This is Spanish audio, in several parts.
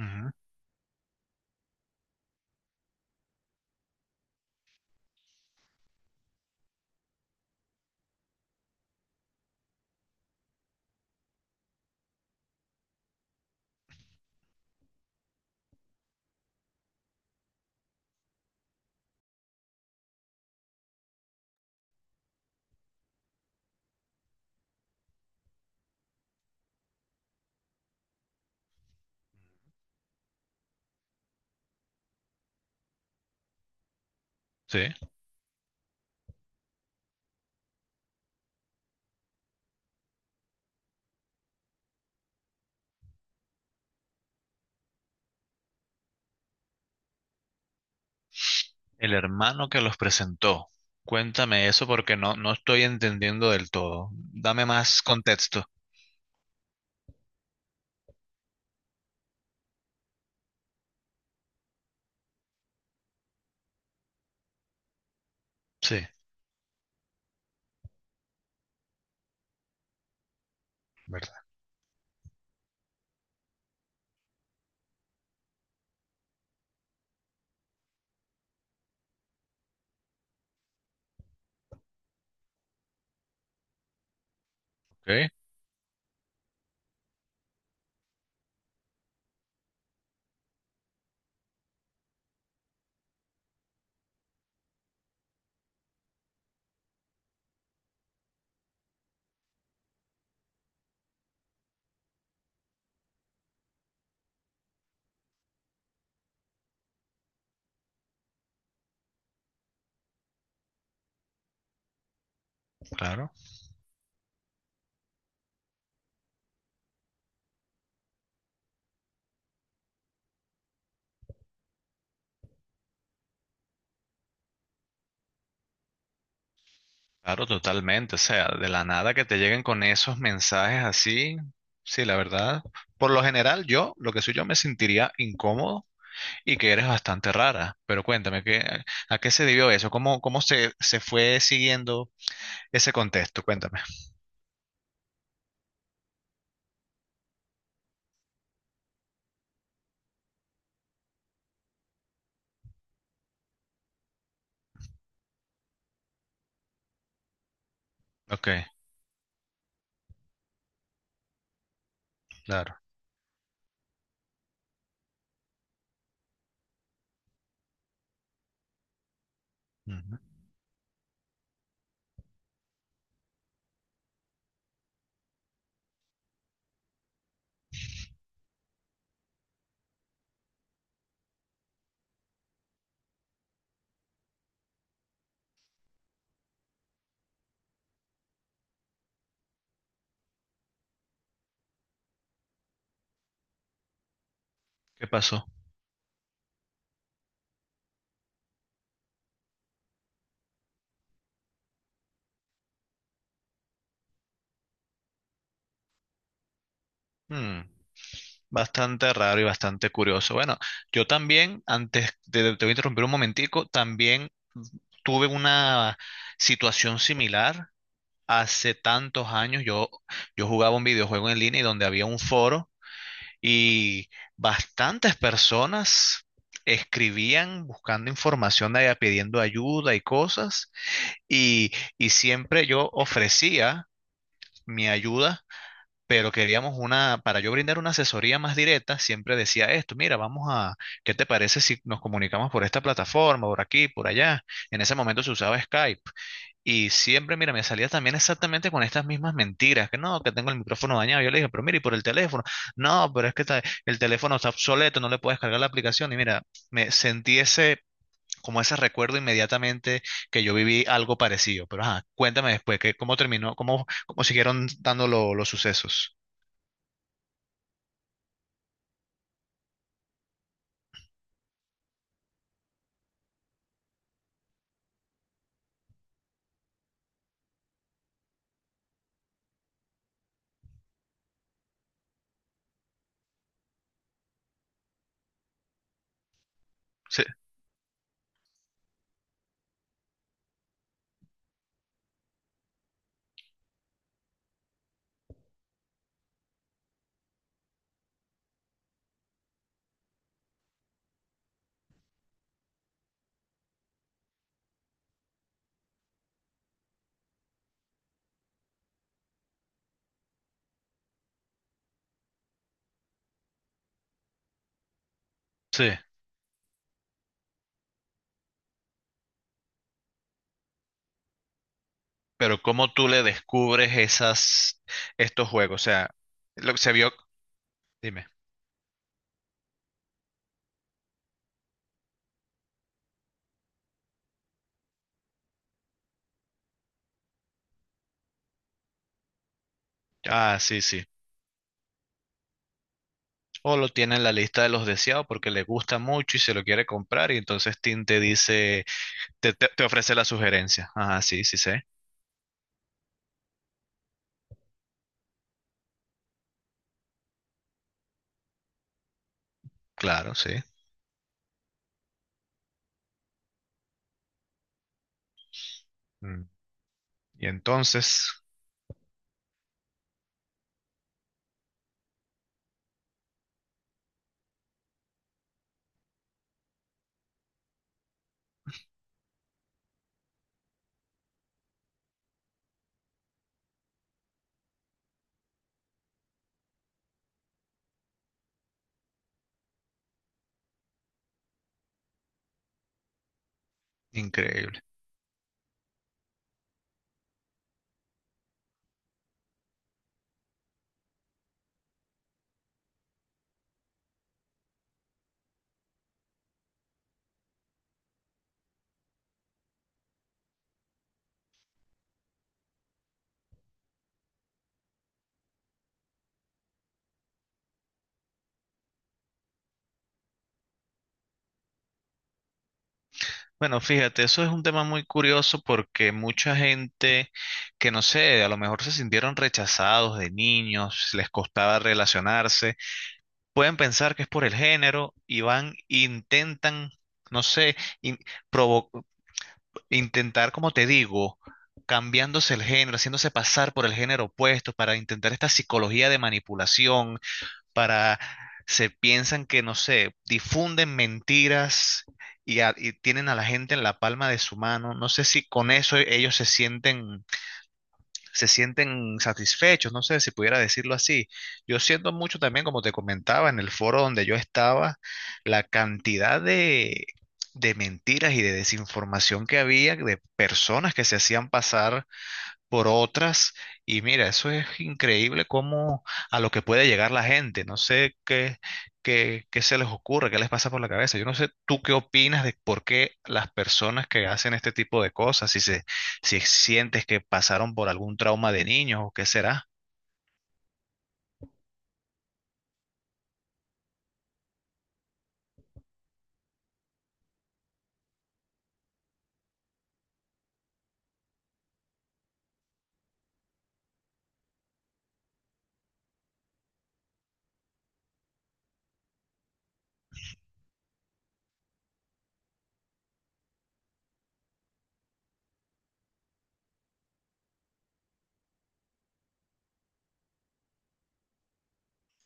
Ujú. Sí, el hermano que los presentó. Cuéntame eso porque no estoy entendiendo del todo. Dame más contexto. Sí, ¿verdad? Ok, claro, claro, totalmente. O sea, de la nada que te lleguen con esos mensajes así. Sí, la verdad. Por lo general, yo, lo que soy yo, me sentiría incómodo y que eres bastante rara. Pero cuéntame, ¿qué, a qué se debió eso? ¿Cómo, cómo se fue siguiendo ese contexto? Cuéntame. Ok, claro. Ujú. ¿Qué pasó? Mm. Bastante raro y bastante curioso. Bueno, yo también, antes de, te voy a interrumpir un momentico, también tuve una situación similar hace tantos años. Yo jugaba un videojuego en línea y donde había un foro y bastantes personas escribían buscando información allá, pidiendo ayuda y cosas. Y, y siempre yo ofrecía mi ayuda, pero queríamos una, para yo brindar una asesoría más directa, siempre decía esto, mira, vamos a, ¿qué te parece si nos comunicamos por esta plataforma, por aquí, por allá? En ese momento se usaba Skype y siempre, mira, me salía también exactamente con estas mismas mentiras, que no, que tengo el micrófono dañado. Yo le dije, pero mira, y por el teléfono, no, pero es que está- el teléfono está obsoleto, no le puedes cargar la aplicación y mira, me sentí ese, como ese recuerdo inmediatamente que yo viví algo parecido. Pero ajá, cuéntame después, que, ¿cómo terminó? ¿Cómo, cómo siguieron dando lo- los sucesos? Sí, pero ¿cómo tú le descubres esas, estos juegos? O sea, lo que se vio, dime. Ah, sí, sí. O lo tiene en la lista de los deseados porque le gusta mucho y se lo quiere comprar y entonces Tim te dice, te ofrece la sugerencia. Ah, sí, sí sé. Claro, sí. Mm. Y entonces, increíble. Bueno, fíjate, eso es un tema muy curioso porque mucha gente que no sé, a lo mejor se sintieron rechazados de niños, les costaba relacionarse pueden pensar que es por el género y van, intentan, no sé, in- provo- intentar, como te digo, cambiándose el género, haciéndose pasar por el género opuesto para intentar esta psicología de manipulación, para, se piensan que, no sé, difunden mentiras y, y tienen a la gente en la palma de su mano. No sé si con eso ellos se sienten, se sienten satisfechos, no sé si pudiera decirlo así. Yo siento mucho también, como te comentaba, en el foro donde yo estaba, la cantidad de mentiras y de desinformación que había de personas que se hacían pasar por otras. Y mira, eso es increíble cómo a lo que puede llegar la gente. No sé qué, qué se les ocurre, qué les pasa por la cabeza. Yo no sé tú qué opinas de por qué las personas que hacen este tipo de cosas, si se, si sientes que pasaron por algún trauma de niños o qué será.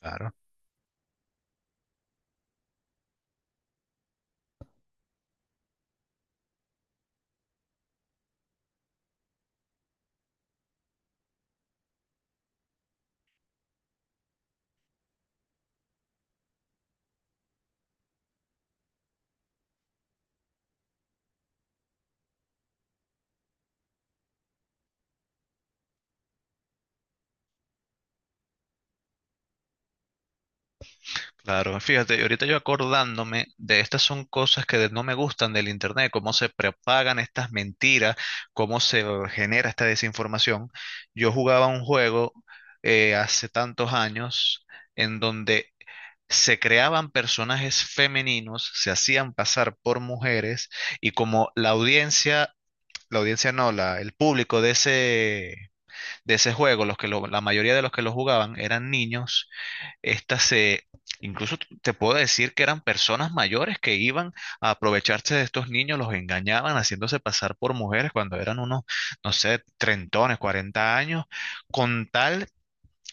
Claro. Claro, fíjate, y ahorita yo acordándome de estas son cosas que no me gustan del internet, cómo se propagan estas mentiras, cómo se genera esta desinformación. Yo jugaba un juego hace tantos años en donde se creaban personajes femeninos, se hacían pasar por mujeres y como la audiencia no, la, el público de ese juego, los que la mayoría de los que lo jugaban eran niños estas se, incluso te puedo decir que eran personas mayores que iban a aprovecharse de estos niños, los engañaban haciéndose pasar por mujeres cuando eran unos, no sé, trentones, 40 años, con tal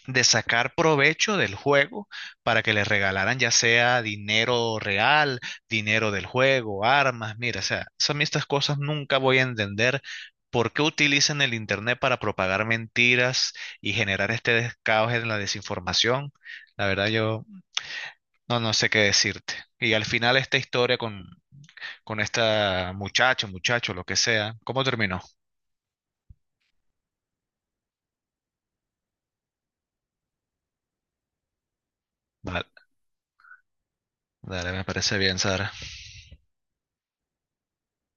de sacar provecho del juego para que les regalaran ya sea dinero real, dinero del juego, armas, mira, o sea, son estas cosas nunca voy a entender por qué utilizan el internet para propagar mentiras y generar este caos en la desinformación. La verdad yo no sé qué decirte. Y al final esta historia con esta muchacho, muchacho, lo que sea, ¿cómo terminó? Vale, dale, me parece bien, Sara.